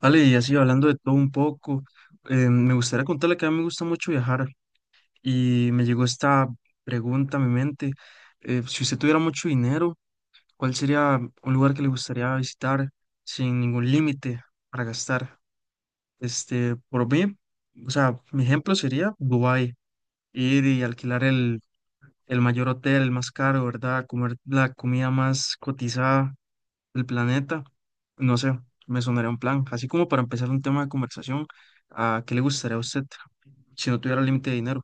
Vale, y así hablando de todo un poco, me gustaría contarle que a mí me gusta mucho viajar y me llegó esta pregunta a mi mente. Si usted tuviera mucho dinero, ¿cuál sería un lugar que le gustaría visitar sin ningún límite para gastar? Este, por mí, o sea, mi ejemplo sería Dubái, ir y alquilar el mayor hotel, el más caro, ¿verdad? Comer la comida más cotizada el planeta, no sé, me sonaría un plan. Así como para empezar un tema de conversación, ¿a qué le gustaría a usted si no tuviera límite de dinero?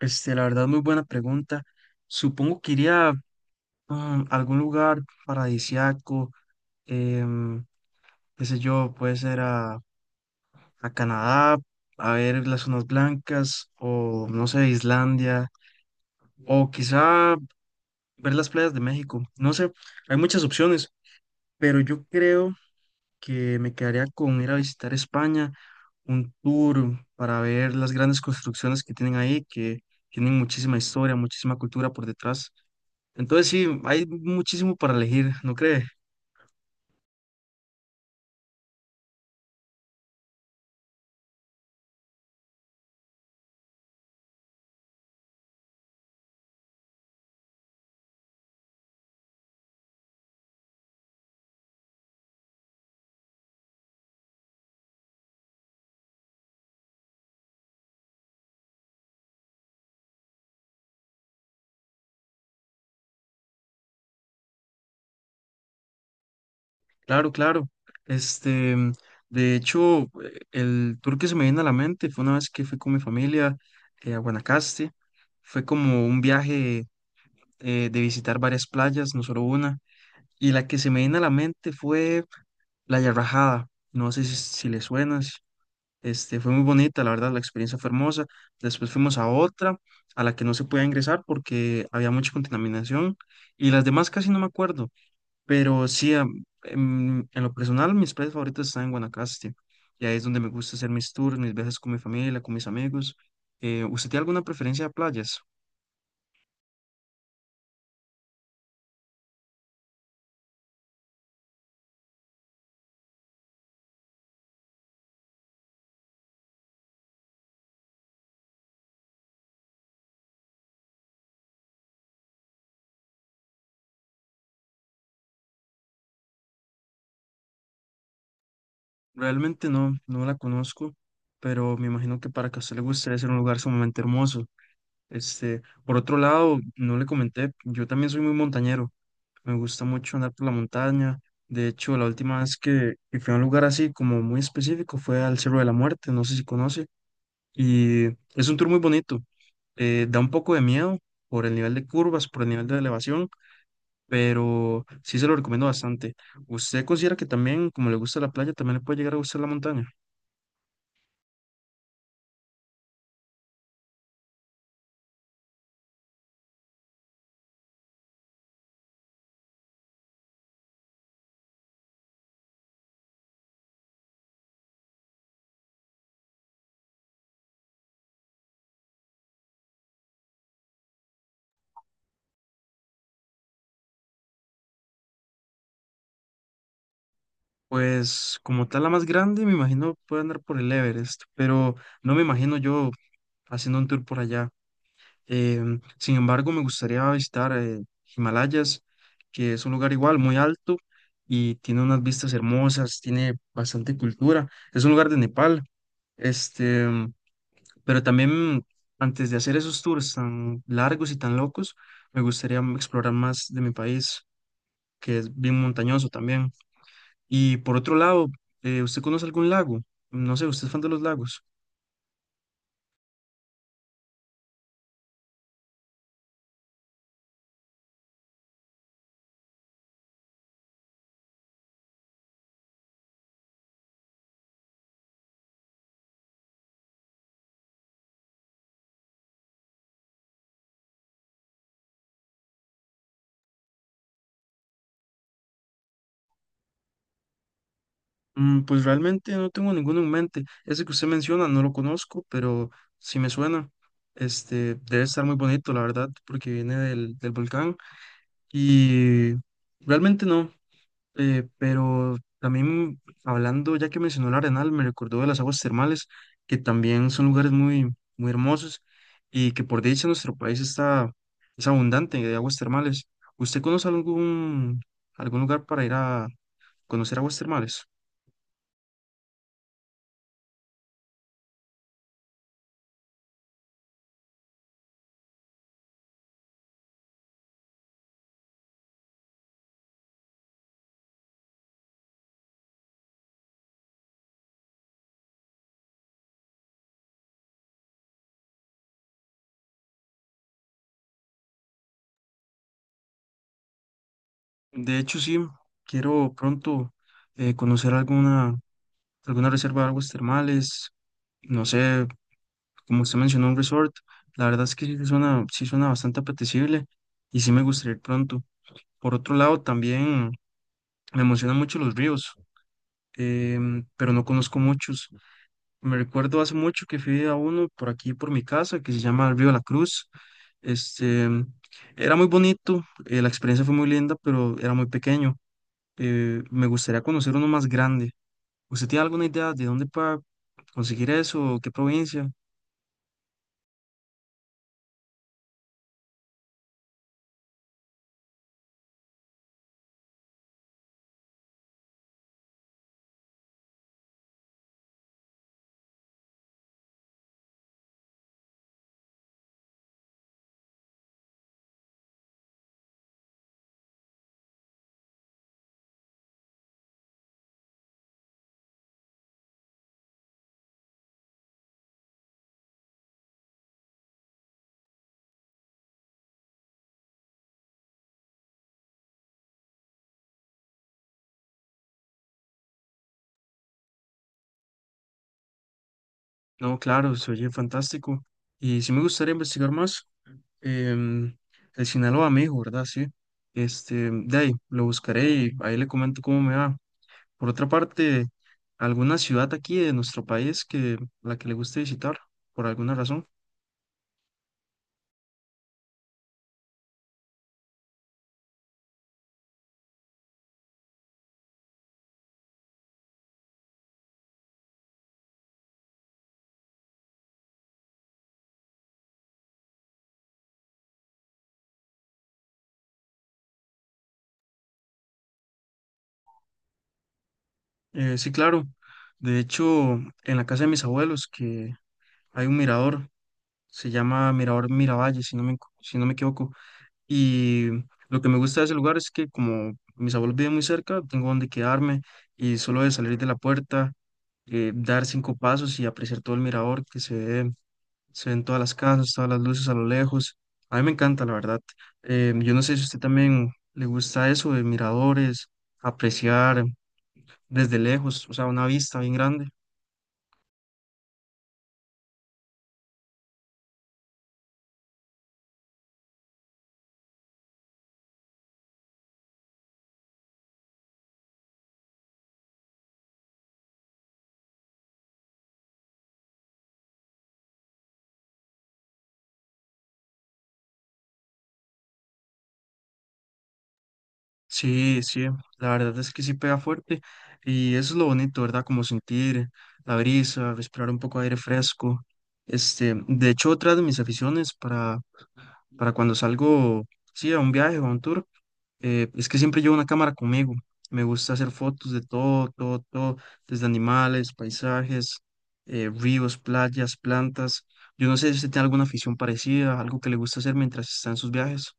Este, la verdad, muy buena pregunta. Supongo que iría a algún lugar paradisiaco, em, qué sé yo, puede ser a Canadá, a ver las zonas blancas, o no sé, Islandia, o quizá ver las playas de México. No sé, hay muchas opciones, pero yo creo que me quedaría con ir a visitar España, un tour para ver las grandes construcciones que tienen ahí, que tienen muchísima historia, muchísima cultura por detrás. Entonces sí, hay muchísimo para elegir, ¿no cree? Claro, claro. Este, de hecho, el tour que se me viene a la mente fue una vez que fui con mi familia a Guanacaste. Fue como un viaje de visitar varias playas, no solo una. Y la que se me vino a la mente fue La Yarrajada. No sé si le suena. Este, fue muy bonita, la verdad, la experiencia fue hermosa. Después fuimos a otra, a la que no se podía ingresar porque había mucha contaminación. Y las demás casi no me acuerdo. Pero sí, en lo personal, mis playas favoritos están en Guanacaste. Y ahí es donde me gusta hacer mis tours, mis viajes con mi familia, con mis amigos. ¿Usted tiene alguna preferencia de playas? Realmente no, no la conozco, pero me imagino que para que a usted le guste debe ser un lugar sumamente hermoso. Este, por otro lado, no le comenté, yo también soy muy montañero, me gusta mucho andar por la montaña. De hecho, la última vez que fui a un lugar así como muy específico fue al Cerro de la Muerte, no sé si conoce, y es un tour muy bonito. Da un poco de miedo por el nivel de curvas, por el nivel de elevación, pero sí se lo recomiendo bastante. ¿Usted considera que también, como le gusta la playa, también le puede llegar a gustar la montaña? Pues como tal la más grande, me imagino puede andar por el Everest, pero no me imagino yo haciendo un tour por allá. Sin embargo, me gustaría visitar Himalayas, que es un lugar igual, muy alto y tiene unas vistas hermosas, tiene bastante cultura. Es un lugar de Nepal, este, pero también antes de hacer esos tours tan largos y tan locos, me gustaría explorar más de mi país, que es bien montañoso también. Y por otro lado, ¿usted conoce algún lago? No sé, ¿usted es fan de los lagos? Pues realmente no tengo ninguno en mente. Ese que usted menciona no lo conozco, pero sí me suena. Este debe estar muy bonito, la verdad, porque viene del volcán. Y realmente no. Pero también hablando, ya que mencionó el Arenal, me recordó de las aguas termales, que también son lugares muy, muy hermosos y que por dicha nuestro país está, es abundante de aguas termales. ¿Usted conoce algún lugar para ir a conocer aguas termales? De hecho, sí, quiero pronto conocer alguna reserva de aguas termales, no sé, como usted mencionó, un resort. La verdad es que sí suena bastante apetecible y sí me gustaría ir pronto. Por otro lado, también me emocionan mucho los ríos, pero no conozco muchos. Me recuerdo hace mucho que fui a uno por aquí, por mi casa, que se llama el Río la Cruz. Este, era muy bonito, la experiencia fue muy linda, pero era muy pequeño. Me gustaría conocer uno más grande. ¿Usted tiene alguna idea de dónde para conseguir eso? ¿Qué provincia? No, claro, se oye fantástico. Y sí me gustaría investigar más. em, el Sinaloa me dijo, ¿verdad? Sí. Este, de ahí lo buscaré y ahí le comento cómo me va. Por otra parte, alguna ciudad aquí de nuestro país que la que le guste visitar, por alguna razón. Sí, claro. De hecho, en la casa de mis abuelos, que hay un mirador, se llama Mirador Miravalle, si no me, si no me equivoco. Y lo que me gusta de ese lugar es que como mis abuelos viven muy cerca, tengo donde quedarme y solo de salir de la puerta. Dar cinco pasos y apreciar todo el mirador que se ve, se ven todas las casas, todas las luces a lo lejos. A mí me encanta, la verdad. Yo no sé si a usted también le gusta eso de miradores, apreciar desde lejos, o sea, una vista bien grande. Sí, sí, la verdad es que sí pega fuerte y eso es lo bonito, ¿verdad? Como sentir la brisa, respirar un poco de aire fresco. Este, de hecho, otra de mis aficiones para cuando salgo, sí, a un viaje o a un tour. Es que siempre llevo una cámara conmigo. Me gusta hacer fotos de todo, todo, todo, desde animales, paisajes, ríos, playas, plantas. Yo no sé si usted tiene alguna afición parecida, algo que le gusta hacer mientras está en sus viajes.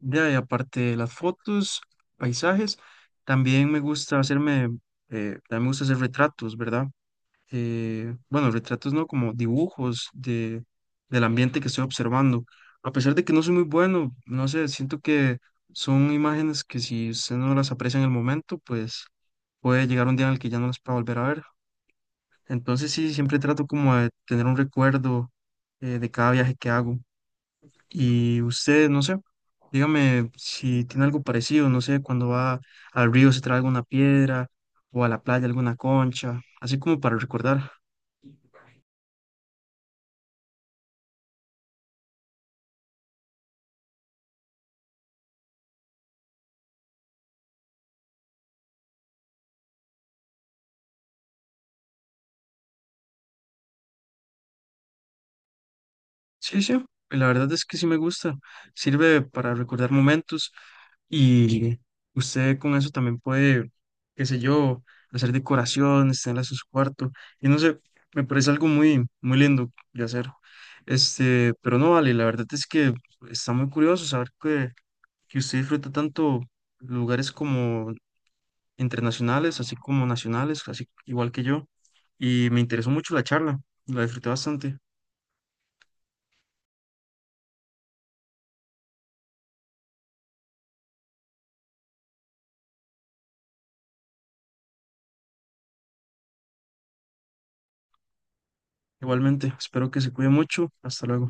Ya, y aparte de las fotos, paisajes, también me gusta hacerme, también me gusta hacer retratos, ¿verdad? Bueno, retratos no, como dibujos del ambiente que estoy observando. A pesar de que no soy muy bueno, no sé, siento que son imágenes que si usted no las aprecia en el momento, pues puede llegar un día en el que ya no las pueda volver a ver. Entonces sí, siempre trato como de tener un recuerdo de cada viaje que hago. Y usted, no sé, dígame si tiene algo parecido, no sé, cuando va al río se trae alguna piedra o a la playa alguna concha, así como para recordar. Sí, sí, y la verdad es que sí me gusta. Sirve para recordar momentos y usted con eso también puede, qué sé yo, hacer decoraciones, tenerlas en su cuarto. Y no sé, me parece algo muy, muy lindo de hacer. Este, pero no vale, la verdad es que está muy curioso saber que usted disfruta tanto lugares como internacionales, así como nacionales, así igual que yo. Y me interesó mucho la charla, la disfruté bastante. Igualmente, espero que se cuide mucho. Hasta luego.